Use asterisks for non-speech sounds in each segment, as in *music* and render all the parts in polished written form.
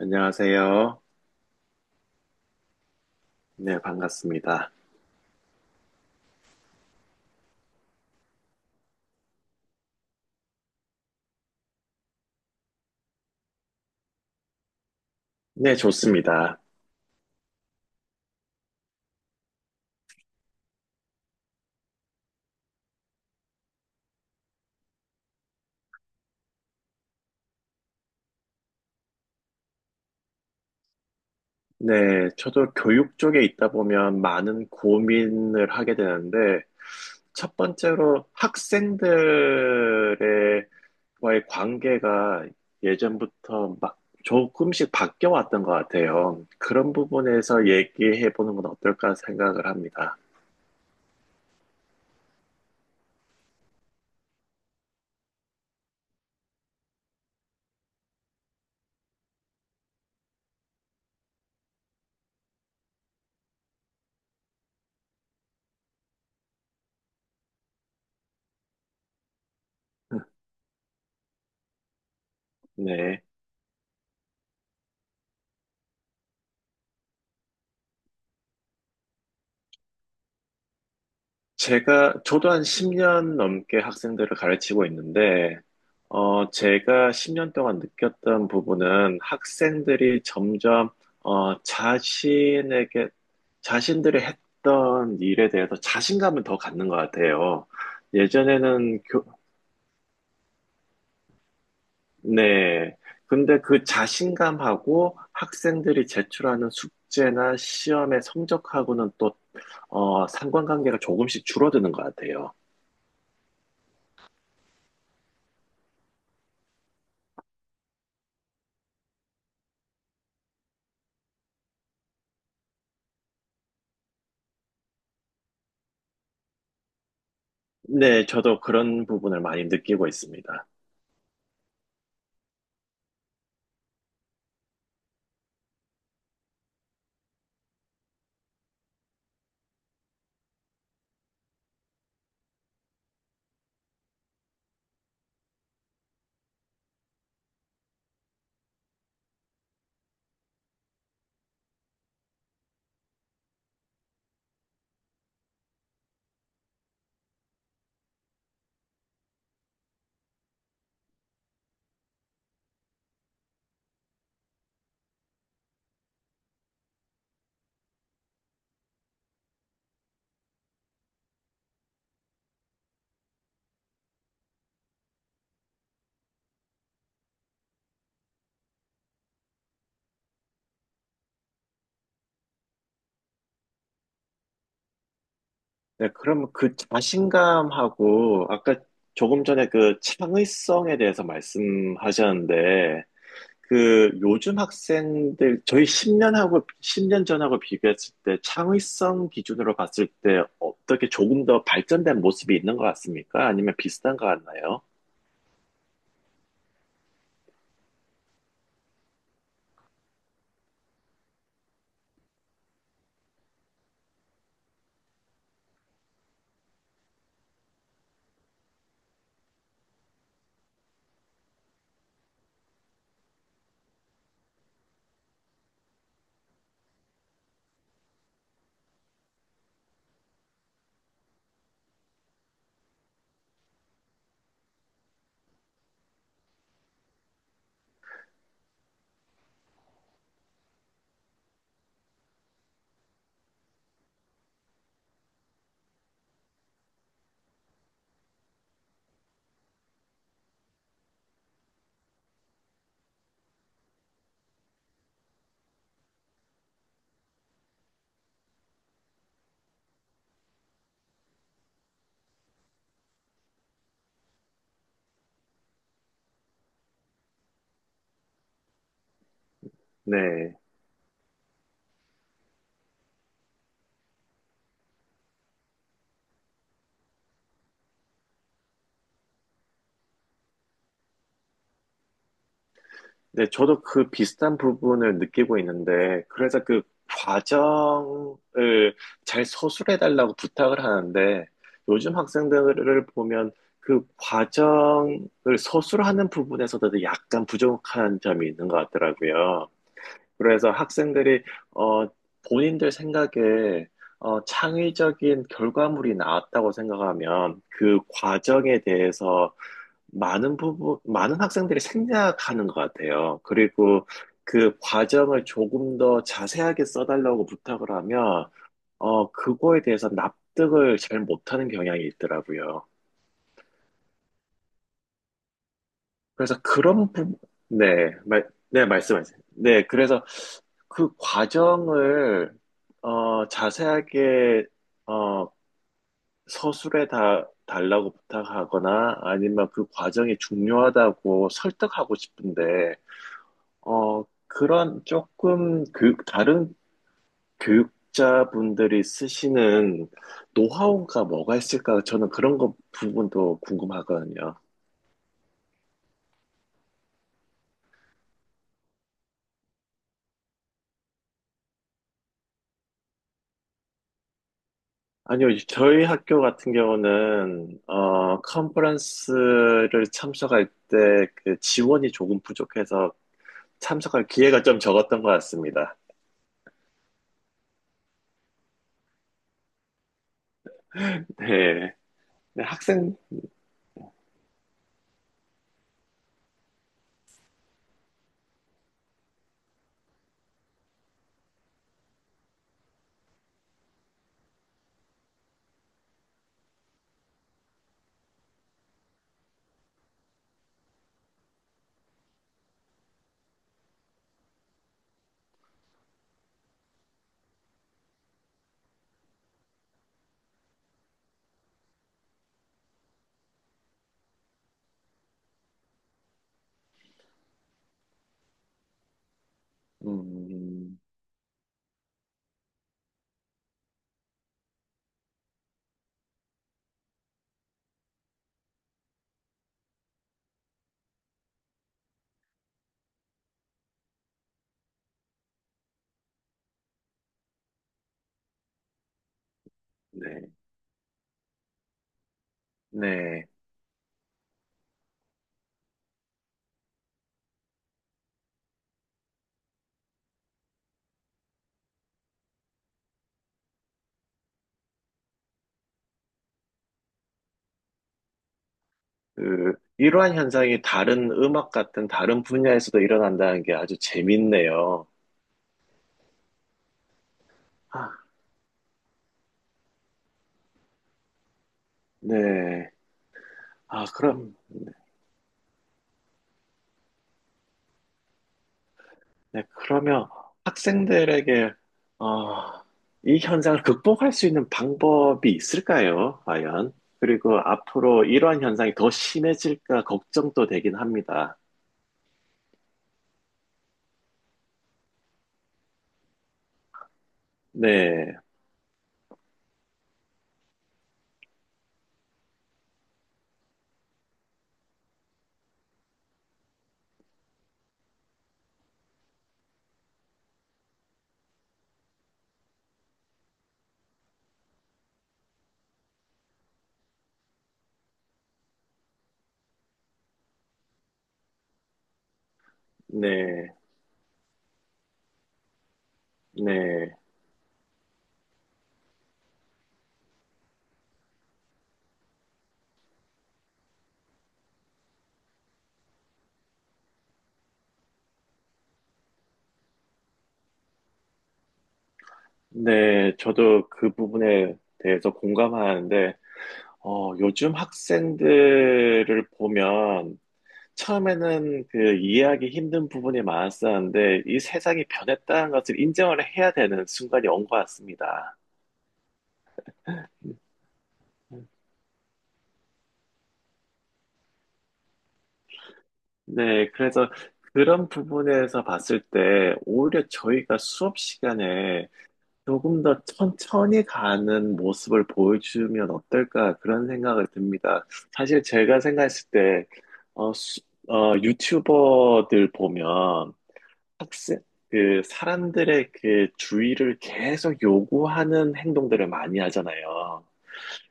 안녕하세요. 네, 반갑습니다. 네, 좋습니다. 네, 저도 교육 쪽에 있다 보면 많은 고민을 하게 되는데, 첫 번째로 학생들의 와의 관계가 예전부터 막 조금씩 바뀌어 왔던 것 같아요. 그런 부분에서 얘기해 보는 건 어떨까 생각을 합니다. *laughs* 네. 저도 한 10년 넘게 학생들을 가르치고 있는데, 제가 10년 동안 느꼈던 부분은 학생들이 점점, 어, 자신에게, 자신들이 했던 일에 대해서 자신감을 더 갖는 것 같아요. 예전에는 교, 네. 근데 그 자신감하고 학생들이 제출하는 숙제나 시험의 성적하고는 또, 상관관계가 조금씩 줄어드는 것 같아요. 네, 저도 그런 부분을 많이 느끼고 있습니다. 네, 그럼 그 자신감하고 아까 조금 전에 그 창의성에 대해서 말씀하셨는데, 그 요즘 학생들, 저희 10년하고 10년 전하고 비교했을 때 창의성 기준으로 봤을 때 어떻게 조금 더 발전된 모습이 있는 것 같습니까? 아니면 비슷한 것 같나요? 네. 네, 저도 그 비슷한 부분을 느끼고 있는데, 그래서 그 과정을 잘 서술해달라고 부탁을 하는데, 요즘 학생들을 보면 그 과정을 서술하는 부분에서도 약간 부족한 점이 있는 것 같더라고요. 그래서 학생들이, 어, 본인들 생각에, 창의적인 결과물이 나왔다고 생각하면 그 과정에 대해서 많은 학생들이 생략하는 것 같아요. 그리고 그 과정을 조금 더 자세하게 써달라고 부탁을 하면, 그거에 대해서 납득을 잘 못하는 경향이 있더라고요. 그래서 네, 네, 말씀하세요. 네, 그래서 그 과정을, 자세하게, 어, 달라고 부탁하거나 아니면 그 과정이 중요하다고 설득하고 싶은데, 그런 조금 다른 교육자분들이 쓰시는 노하우가 뭐가 있을까? 저는 그런 거 부분도 궁금하거든요. 아니요, 저희 학교 같은 경우는, 컨퍼런스를 참석할 때 그 지원이 조금 부족해서 참석할 기회가 좀 적었던 것 같습니다. 네. 네, 음, 네. 네. 그 이러한 현상이 다른 음악 같은 다른 분야에서도 일어난다는 게 아주 재밌네요. 아, 네. 아, 그럼, 네. 그러면 학생들에게, 어, 이 현상을 극복할 수 있는 방법이 있을까요? 과연? 그리고 앞으로 이러한 현상이 더 심해질까 걱정도 되긴 합니다. 네, 네, 네, 네. 저도 그 부분에 대해서 공감하는데, 요즘 학생들을 보면 처음에는 그 이해하기 힘든 부분이 많았었는데 이 세상이 변했다는 것을 인정을 해야 되는 순간이 온 것 같습니다. 네, 그래서 그런 부분에서 봤을 때 오히려 저희가 수업 시간에 조금 더 천천히 가는 모습을 보여주면 어떨까 그런 생각을 듭니다. 사실 제가 생각했을 때, 어, 수- 유튜버들 보면 학습. 그 사람들의 그 주의를 계속 요구하는 행동들을 많이 하잖아요.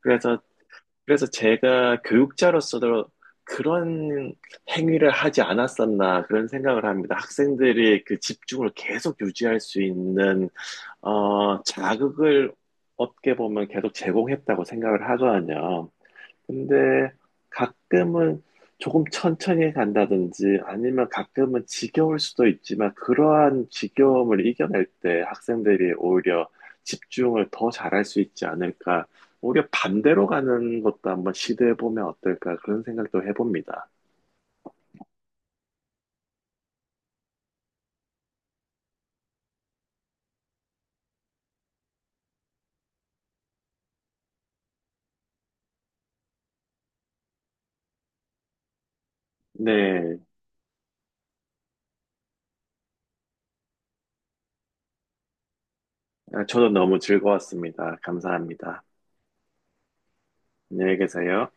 그래서 그래서 제가 교육자로서도 그런 행위를 하지 않았었나 그런 생각을 합니다. 학생들이 그 집중을 계속 유지할 수 있는 자극을 어떻게 보면 계속 제공했다고 생각을 하거든요. 근데 가끔은 조금 천천히 간다든지 아니면 가끔은 지겨울 수도 있지만 그러한 지겨움을 이겨낼 때 학생들이 오히려 집중을 더 잘할 수 있지 않을까. 오히려 반대로 가는 것도 한번 시도해 보면 어떨까 그런 생각도 해봅니다. 네, 아, 저도 너무 즐거웠습니다. 감사합니다. 안녕히 계세요.